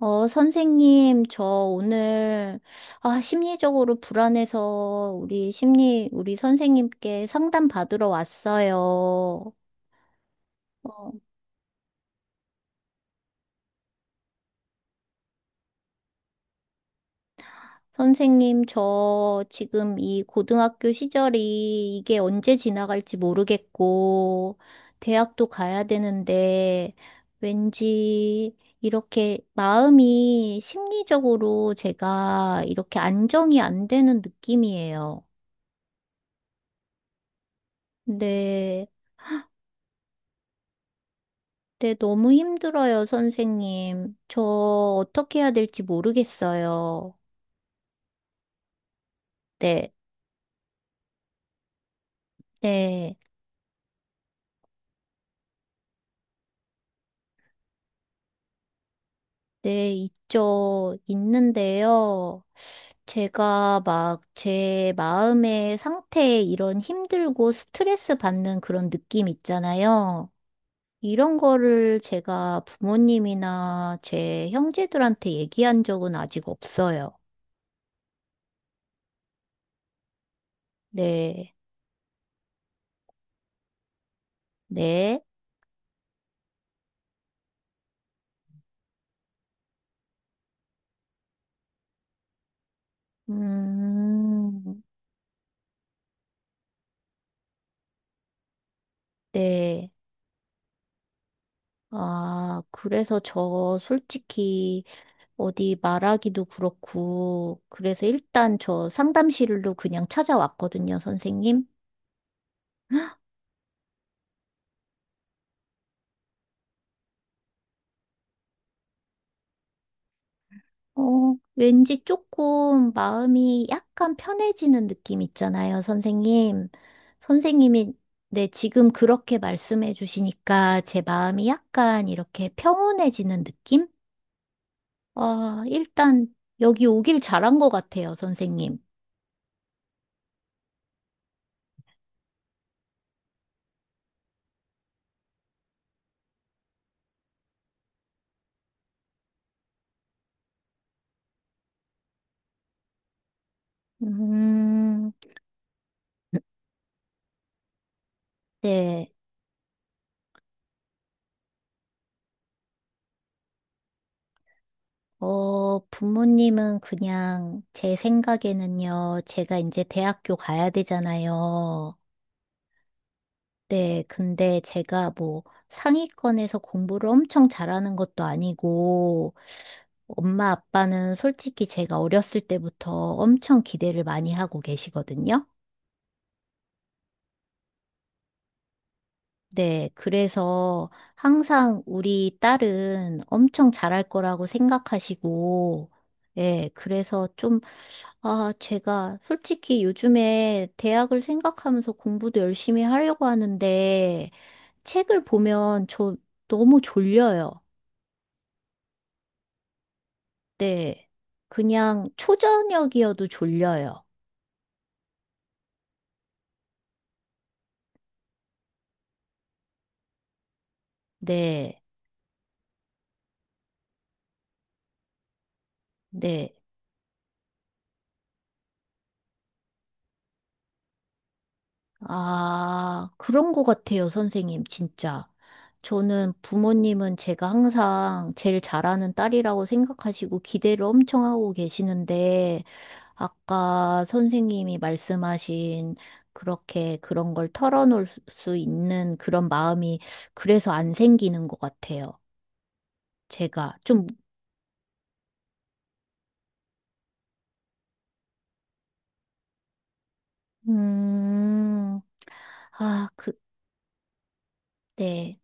어, 선생님, 저 오늘, 아, 심리적으로 불안해서 우리 선생님께 상담 받으러 왔어요. 어, 선생님, 저 지금 이 고등학교 시절이 이게 언제 지나갈지 모르겠고, 대학도 가야 되는데, 왠지 이렇게 마음이 심리적으로 제가 이렇게 안정이 안 되는 느낌이에요. 네. 네, 너무 힘들어요, 선생님. 저 어떻게 해야 될지 모르겠어요. 네, 네, 네, 있죠. 있는데요. 제가 막 제 마음의 상태에 이런 힘들고 스트레스 받는 그런 느낌 있잖아요. 이런 거를 제가 부모님이나 제 형제들한테 얘기한 적은 아직 없어요. 네, 네, 음, 네. 아, 그래서 저 솔직히 어디 말하기도 그렇고, 그래서 일단 저 상담실로 그냥 찾아왔거든요, 선생님. 어, 왠지 조금 마음이 약간 편해지는 느낌 있잖아요, 선생님. 선생님이 네, 지금 그렇게 말씀해 주시니까 제 마음이 약간 이렇게 평온해지는 느낌? 아, 일단 여기 오길 잘한 것 같아요, 선생님. 음, 네. 어, 부모님은 그냥 제 생각에는요, 제가 이제 대학교 가야 되잖아요. 네, 근데 제가 뭐 상위권에서 공부를 엄청 잘하는 것도 아니고, 엄마 아빠는 솔직히 제가 어렸을 때부터 엄청 기대를 많이 하고 계시거든요. 네, 그래서 항상 우리 딸은 엄청 잘할 거라고 생각하시고, 예, 그래서 좀 아, 제가 솔직히 요즘에 대학을 생각하면서 공부도 열심히 하려고 하는데 책을 보면 저 너무 졸려요. 네. 그냥 초저녁이어도 졸려요. 네. 네. 아, 그런 것 같아요, 선생님, 진짜. 저는 부모님은 제가 항상 제일 잘하는 딸이라고 생각하시고 기대를 엄청 하고 계시는데, 아까 선생님이 말씀하신 그렇게 그런 걸 털어놓을 수 있는 그런 마음이 그래서 안 생기는 것 같아요. 제가 좀, 음, 아, 그, 네,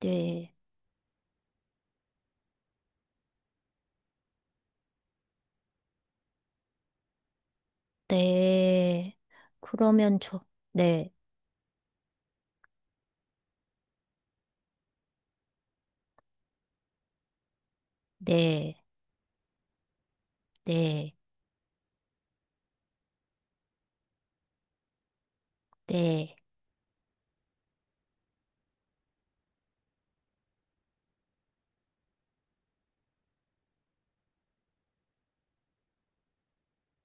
네, 네. 그러면 저, 네, 네. 네, 네,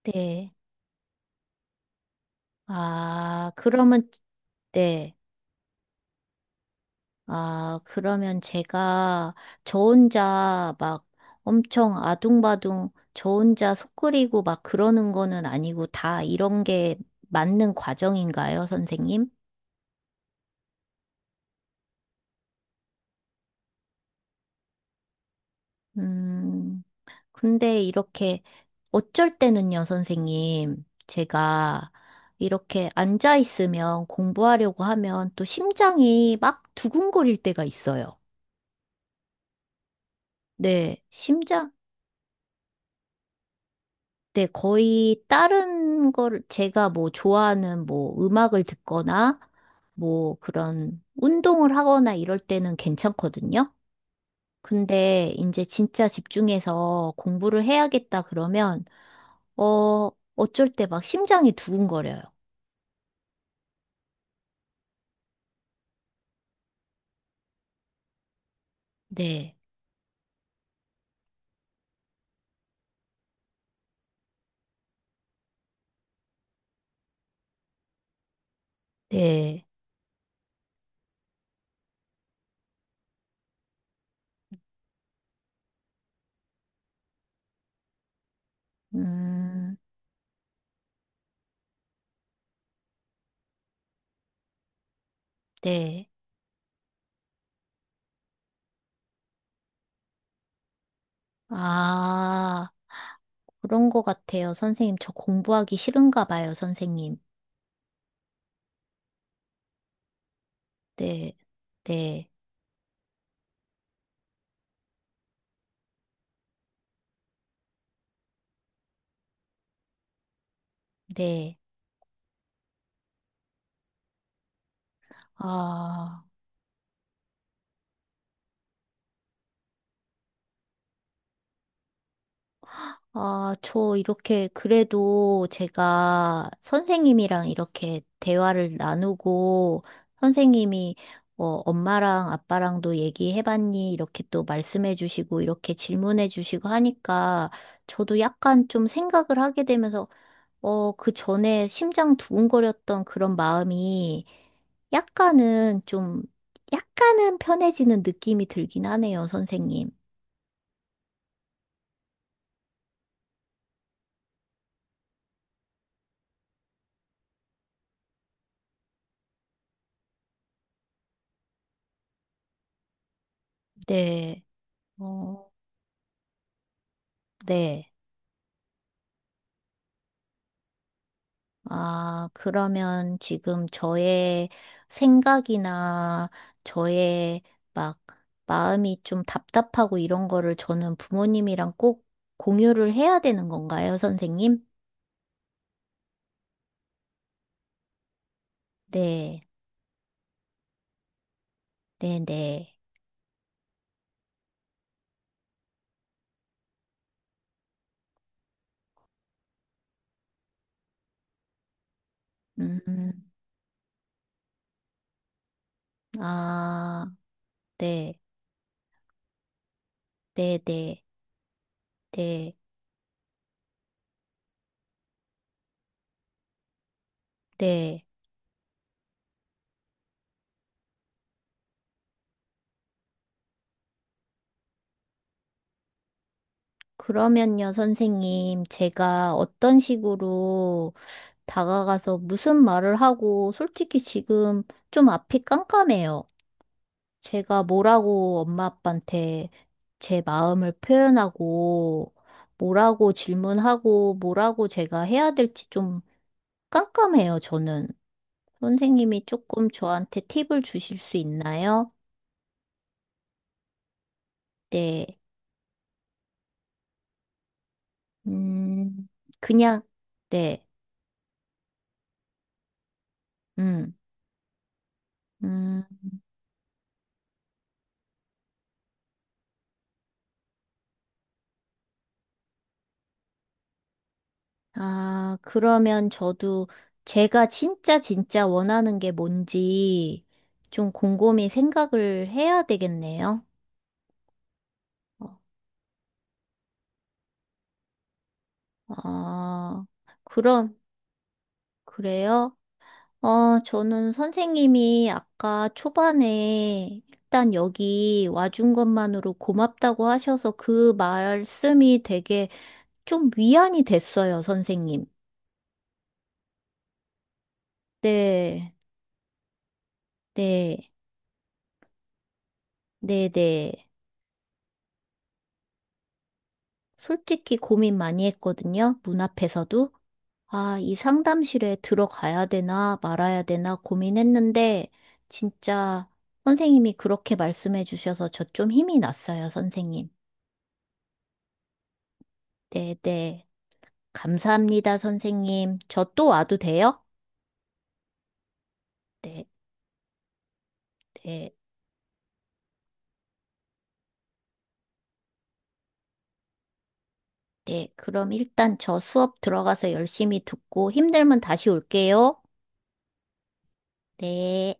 네. 아, 그러면, 네. 아, 그러면 제가 저 혼자 막 엄청 아둥바둥 저 혼자 속 끓이고 막 그러는 거는 아니고 다 이런 게 맞는 과정인가요, 선생님? 음, 근데 이렇게 어쩔 때는요, 선생님. 제가 이렇게 앉아 있으면 공부하려고 하면 또 심장이 막 두근거릴 때가 있어요. 네, 심장, 네, 거의 다른 걸 제가 뭐 좋아하는 뭐 음악을 듣거나 뭐 그런 운동을 하거나 이럴 때는 괜찮거든요. 근데 이제 진짜 집중해서 공부를 해야겠다 그러면, 어, 어쩔 때 막 심장이 두근거려요. 네, 네, 음, 네. 아, 그런 거 같아요, 선생님. 저 공부하기 싫은가 봐요, 선생님. 네, 네, 네. 아, 아, 저 이렇게 그래도 제가 선생님이랑 이렇게 대화를 나누고 선생님이 어, 엄마랑 아빠랑도 얘기해봤니? 이렇게 또 말씀해주시고 이렇게 질문해주시고 하니까 저도 약간 좀 생각을 하게 되면서 어, 그 전에 심장 두근거렸던 그런 마음이 약간은 좀 약간은 편해지는 느낌이 들긴 하네요, 선생님. 네. 어. 네. 아, 그러면 지금 저의 생각이나 저의 막 마음이 좀 답답하고 이런 거를 저는 부모님이랑 꼭 공유를 해야 되는 건가요, 선생님? 네, 네, 네. 음, 아, 네, 네, 네, 네, 네. 그러면요, 선생님, 제가 어떤 식으로 다가가서 무슨 말을 하고, 솔직히 지금 좀 앞이 깜깜해요. 제가 뭐라고 엄마 아빠한테 제 마음을 표현하고, 뭐라고 질문하고, 뭐라고 제가 해야 될지 좀 깜깜해요, 저는. 선생님이 조금 저한테 팁을 주실 수 있나요? 네. 음, 그냥, 네. 음. 음. 아, 그러면 저도 제가 진짜 원하는 게 뭔지 좀 곰곰이 생각을 해야 되겠네요. 아, 그럼, 그래요? 어, 저는 선생님이 아까 초반에 일단 여기 와준 것만으로 고맙다고 하셔서 그 말씀이 되게 좀 위안이 됐어요, 선생님. 네, 네, 네, 네. 솔직히 고민 많이 했거든요. 문 앞에서도. 아, 이 상담실에 들어가야 되나 말아야 되나 고민했는데, 진짜 선생님이 그렇게 말씀해 주셔서 저 좀 힘이 났어요, 선생님. 네, 네. 감사합니다, 선생님. 저 또 와도 돼요? 네, 네, 네. 그럼 일단 저 수업 들어가서 열심히 듣고 힘들면 다시 올게요. 네.